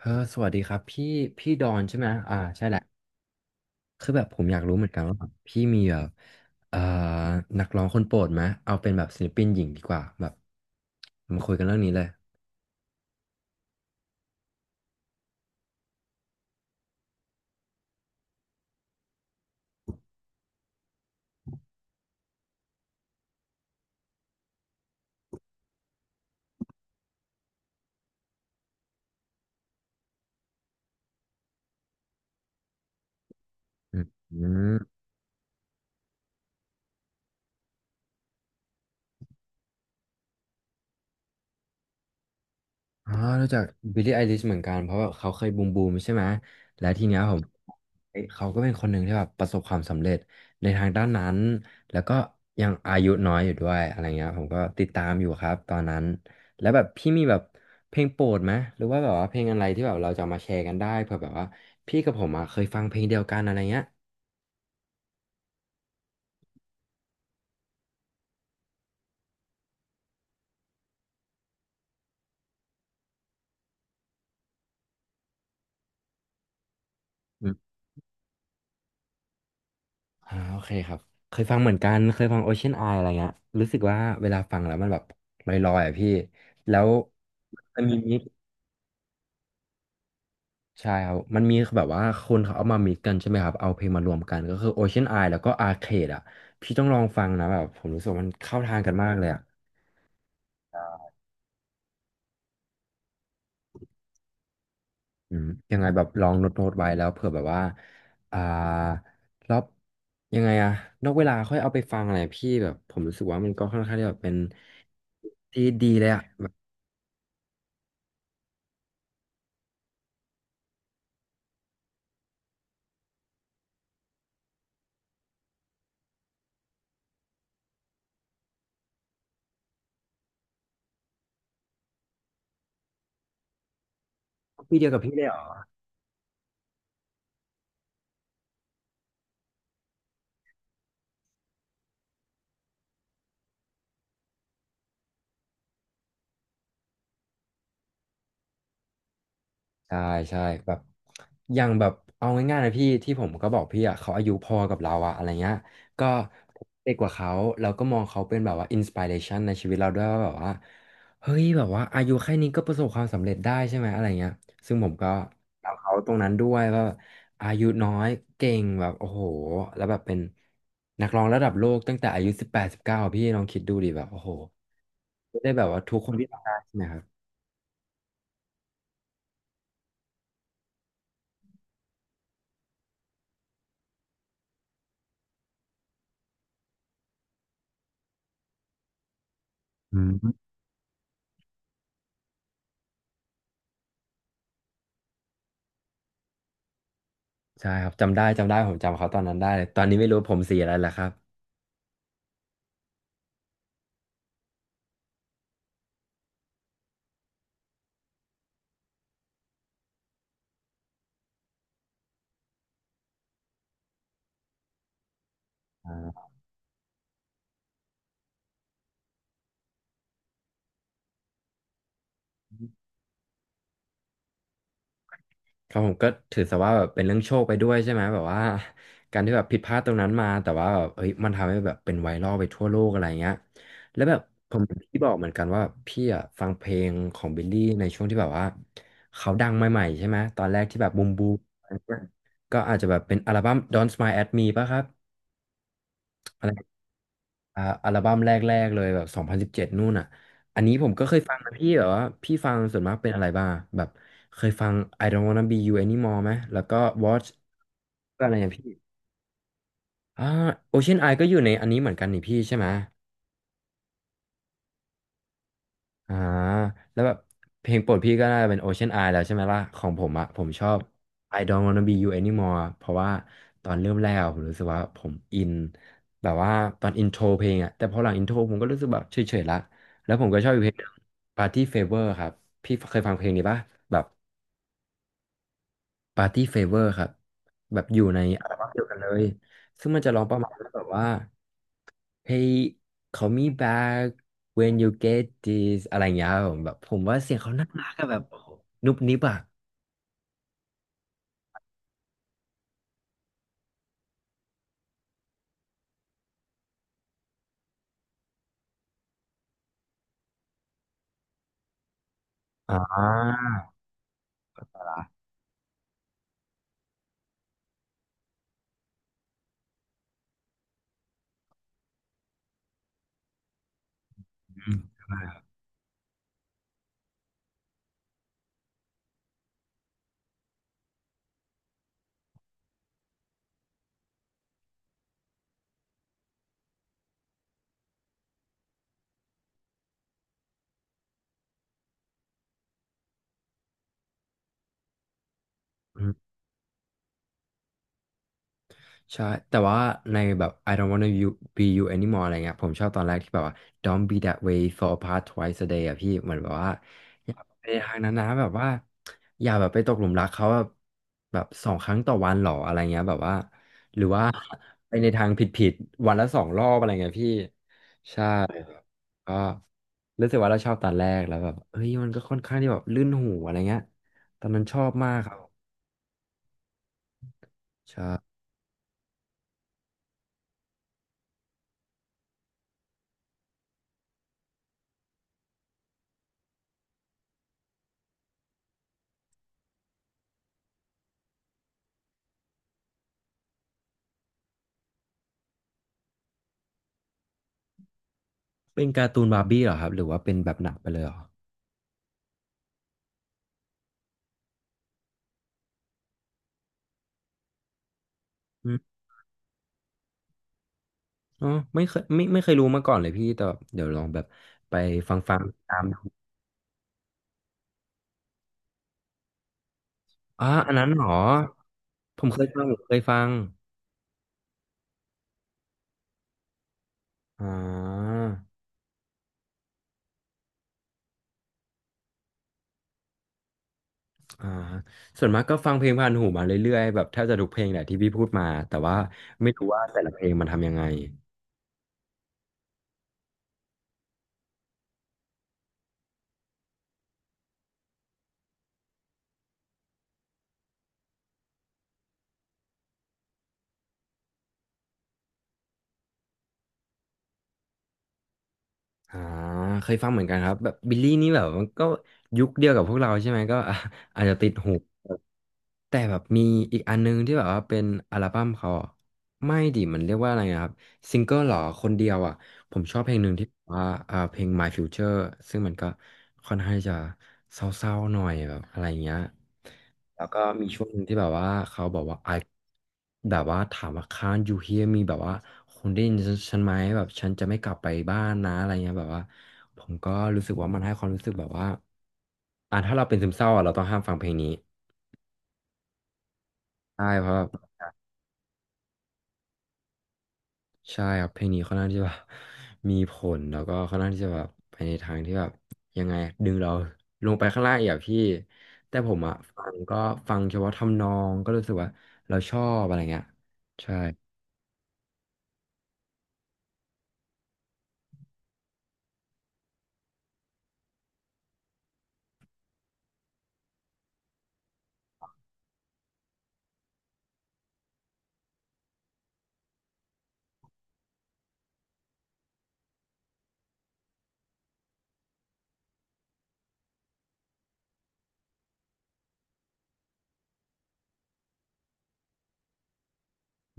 เออสวัสดีครับพี่ดอนใช่ไหม อ่าใช่แหละ คือแบบผมอยากรู้เหมือนกันว่าแบบพี่มีแบบเอ่อนักร้องคนโปรดไหม เอาเป็นแบบศิลปินหญิงดีกว่าแบบมาคุยกันเรื่องนี้เลยอืม อ๋อรู้จักบิลลี่ไอลิชเหมือนกันเพราะว่าเขาเคยบูมบูมใช่ไหม และทีเนี้ยผมเอ้ยเขาก็เป็นคนหนึ่งที่แบบประสบความสำเร็จในทางด้านนั้น แล้วก็ยังอายุน้อยอยู่ด้วยอะไรเงี้ยผมก็ติดตามอยู่ครับตอนนั้น แล้วแบบพี่มีแบบเพลงโปรดไหมหรือว่าแบบว่าเพลงอะไรที่แบบเราจะเอามาแชร์กันได้เผื่อแบบว่าพี่กับผมอ่ะเคยฟังเพลงเดียวกันอะไรเงี้ยอืมอ่าโอเคครับเคยฟังเหมือนกันเคยฟัง Ocean Eye อะไรเงี้ยรู้สึกว่าเวลาฟังแล้วมันแบบลอยๆอ่ะพี่แล้วมันมีมิก ใช่ครับ มันมีแบบว่าคนเขาเอามามิกกันใช่ไหมครับเอาเพลงมารวมกันก็คือ Ocean Eye แล้วก็ Arcade อ่ะพี่ต้องลองฟังนะแบบผมรู้สึกว่ามันเข้าทางกันมากเลยอ่ะอืมยังไงแบบลองโน้ตโน้ตไว้แล้วเผื่อแบบว่าอ่ารอบยังไงอะนอกเวลาค่อยเอาไปฟังอะไรพี่แบบผมรู้สึกว่ามันก็ค่อนข้างที่แบบเป็นที่ดีเลยอะแบบพี่เดียวกับพี่เลยเหรอ ใช่ใช่แบบอย่างแบบเอาง่ายๆนะพี่ที่ผมก็บอกพี่อ่ะเขาอายุพอกับเราอะอะไรเงี้ยก็เด็กกว่าเขาเราก็มองเขาเป็นแบบว่าอินสปิเรชันในชีวิตเราด้วยว่าแบบว่าเฮ้ยแบบว่าอายุแค่นี้ก็ประสบความสำเร็จได้ใช่ไหมอะไรเงี้ยซึ่งผมก็ตามเขาตรงนั้นด้วยว่าอายุน้อยเก่งแบบโอ้โหแล้วแบบเป็นนักร้องระดับโลกตั้งแต่อายุ18-19พี่ลองคิดดูดิแบบโอ้โหไม่ได้แบบว่าทุกคนที่ทำได้ใช่ไหมครับอืม ใช่ครับจำได้จำได้ผมจำเขาตอนนั้นได้เลยตอนนี้ไม่รู้ผมสีอะไรแล้วครับอ่าครับผมก็ถือซะว่าแบบเป็นเรื่องโชคไปด้วยใช่ไหมแบบว่าการที่แบบผิดพลาดตรงนั้นมาแต่ว่าแบบเฮ้ยมันทำให้แบบเป็นไวรัลไปทั่วโลกอะไรเงี้ยแล้วแบบผมพที่บอกเหมือนกันว่าพี่อะฟังเพลงของบิลลี่ในช่วงที่แบบว่าเขาดังใหม่ๆใช่ไหมตอนแรกที่แบบบูมบูมอะไรเงี้ยก็อาจจะแบบเป็นอัลบั้ม Don't Smile at Me ป่ะครับ อ่าอัลบั้มแรกๆเลยแบบ2017นู่นอ่ะอันนี้ผมก็เคยฟังนะพี่แบบว่าพี่ฟังส่วนมากเป็นอะไรบ้างแบบเคยฟัง I don't wanna be you anymore ไหมแล้วก็ Watch ก็อะไรอย่างพี่อ่า Ocean Eye ก็อยู่ในอันนี้เหมือนกันนี่พี่ใช่ไหม อ่าแล้วแบบเพลงโปรดพี่ก็น่าจะเป็น Ocean Eye แล้วใช่ไหมล่ะของผมอะผมชอบ I don't wanna be you anymore เพราะว่าตอนเริ่มแรกอะผมรู้สึกว่าผมอินแบบว่าตอนอินโทรเพลงอะแต่พอหลังอินโทรผมก็รู้สึกแบบเฉยๆละแล้วผมก็ชอบอีกเพลงหนึ่ง Party Favor ครับพี่เคยฟังเพลงนี้ปะแบบ ปาร์ตี้เฟเวอร์ครับแบบอยู่ในอัลบั้มเดียวกันเลยซึ่งมันจะร้องประมาณว่าแบบว่า Hey call me back when you get this อะไรอย่างเงี้ยครับผมแบบผมว่าเสียงเขาน่ารักอะแบบโอ้โหนุบนิบอะอ่า ใช่แต่ว่าในแบบ I don't wanna you be you anymore อะไรเงี้ยผมชอบตอนแรกที่แบบว่า don't be that way fall apart twice a day อะพี่เหมือนแบบว่าอย่าไปทางนั้นนะแบบว่าอย่าแบบไปตกหลุมรักเขาแบบแบบสองครั้งต่อวันหรออะไรเงี้ยแบบว่าหรือว่า ไปในทางผิดๆวันละสองรอบอะไรเงี้ยพี่ใช่ก็รู้สึกว่าเราชอบตอนแรกแล้วแบบเฮ้ยมันก็ค่อนข้างที่แบบลื่นหูอะไรเงี้ยตอนนั้นชอบมากครับใช่เป็นการ์ตูนบาร์บี้เหรอครับหรือว่าเป็นแบบหนังไปเลยเหรอ อ๋อไม่เคยรู้มาก่อนเลยพี่แต่แบบเดี๋ยวลองแบบไปฟังฟังตามดูอ๋ออันนั้นเหรอผมเคยฟังอ่าอ่าส่วนมากก็ฟังเพลงผ่านหูมาเรื่อยๆแบบแทบจะทุกเพลงแหละที่พี่พูดมาแต่ว่าไม่รู้ว่าแต่ละเพลงมันทำยังไง อ่าเคยฟังเหมือนกันครับแบบบิลลี่นี่แบบมันก็ยุคเดียวกับพวกเราใช่ไหมก็ อ่ะอาจจะติดหูแต่แบบมีอีกอันนึงที่แบบว่าเป็นอัลบั้มเขาอะไม่ดิมันเรียกว่าอะไรนะครับซิงเกิลหรอคนเดียวอ่ะผมชอบเพลงหนึ่งที่แบบว่าเพลง My Future ซึ่งมันก็ค่อนข้างจะเศร้าๆหน่อยแบบอะไรอย่างเงี้ย แล้วก็มีช่วงหนึ่งที่แบบว่าเขาบอกว่า I แบบว่าถามว่า can't you hear me แบบว่าคุณได้ยินฉันไหมแบบฉันจะไม่กลับไปบ้านนะอะไรเงี้ยแบบว่าผมก็รู้สึกว่ามันให้ความรู้สึกแบบว่าอ่ะถ้าเราเป็นซึมเศร้าอ่ะเราต้องห้ามฟังเพลงนี้ใช่เพราะแบบใช่ครับเพลงนี้ค่อนข้างที่จะแบบมีผลแล้วก็ค่อนข้างที่จะแบบไปในทางที่แบบยังไงดึงเราลงไปข้างล่างอีกอะพี่แต่ผมอ่ะฟังก็ฟังเฉพาะทำนองก็รู้สึกว่าเราชอบอะไรเงี้ยใช่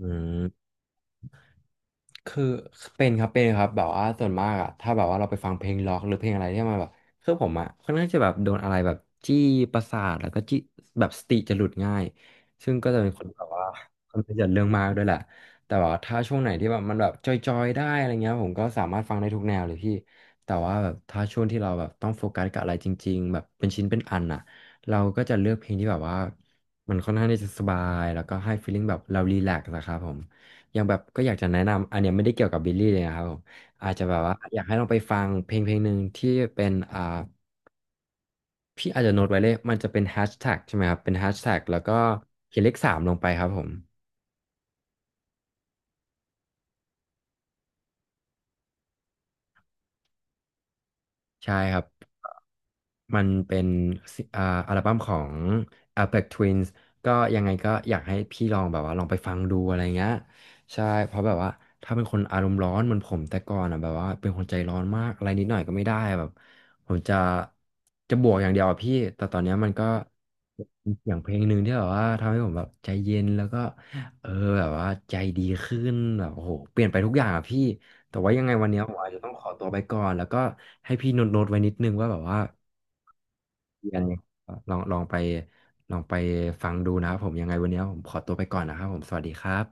อืม คือเป็นครับเป็นครับแบบว่าส่วนมากอะถ้าแบบว่าเราไปฟังเพลงร็อกหรือเพลงอะไรที่มันแบบคือผมอะค่อนข้างจะแบบโดนอะไรแบบจี้ประสาทแล้วก็จี้แบบสติจะหลุดง่ายซึ่งก็จะเป็นคนแบบว่าคนที่จะเรื่องมากด้วยแหละแต่ว่าถ้าช่วงไหนที่แบบมันแบบจอยๆได้อะไรเงี้ยผมก็สามารถฟังได้ทุกแนวเลยพี่แต่ว่าแบบถ้าช่วงที่เราแบบต้องโฟกัสกับอะไรจริงๆแบบเป็นชิ้นเป็นอันอะเราก็จะเลือกเพลงที่แบบว่ามันค่อนข้างที่จะสบายแล้วก็ให้ฟีลลิ่งแบบเรารีแลกซ์นะครับผม อย่างแบบก็อยากจะแนะนำ อันเนี้ยไม่ได้เกี่ยวกับบิลลี่เลยนะครับผมอาจจะแบบว่าอยากให้ลองไปฟังเพลงหนึ่งที่เป็นพี่อาจจะโน้ตไว้เลย มันจะเป็นแฮชแท็กใช่ไหมครับ เป็นแฮชแท็กแล้วก็เขียนเลขสามลงไปครับผม ใช่ครับ มันเป็นซิอัลบั้มของ Aphex Twins ก็ยังไงก็อยากให้พี่ลองแบบว่าลองไปฟังดูอะไรเงี้ย ใช่เพราะแบบว่าถ้าเป็นคนอารมณ์ร้อนเหมือนผมแต่ก่อนอ่ะแบบว่าเป็นคนใจร้อนมาก อะไรนิดหน่อยก็ไม่ได้แบบผมจะบวกอย่างเดียวอะพี่ แต่ตอนเนี้ยมันก็มีเสียงเพลงหนึ่งที่แบบว่าทำให้ผมแบบใจเย็นแล้วก็เออแบบว่าใจดีขึ้นแบบโอ้โหเปลี่ยนไปทุกอย่างอ่ะพี่ แต่ว่ายังไงวันเนี้ยผมอาจจะต้องขอตัวไปก่อนแล้วก็ให้พี่โน้ตโน้ตไว้นิดนึงว่าแบบว่าเรียนเนี่ยลองลองไปลองไปฟังดูนะครับผมยังไงวันเนี้ยผมขอตัวไปก่อนนะครับผมสวัสดีครับ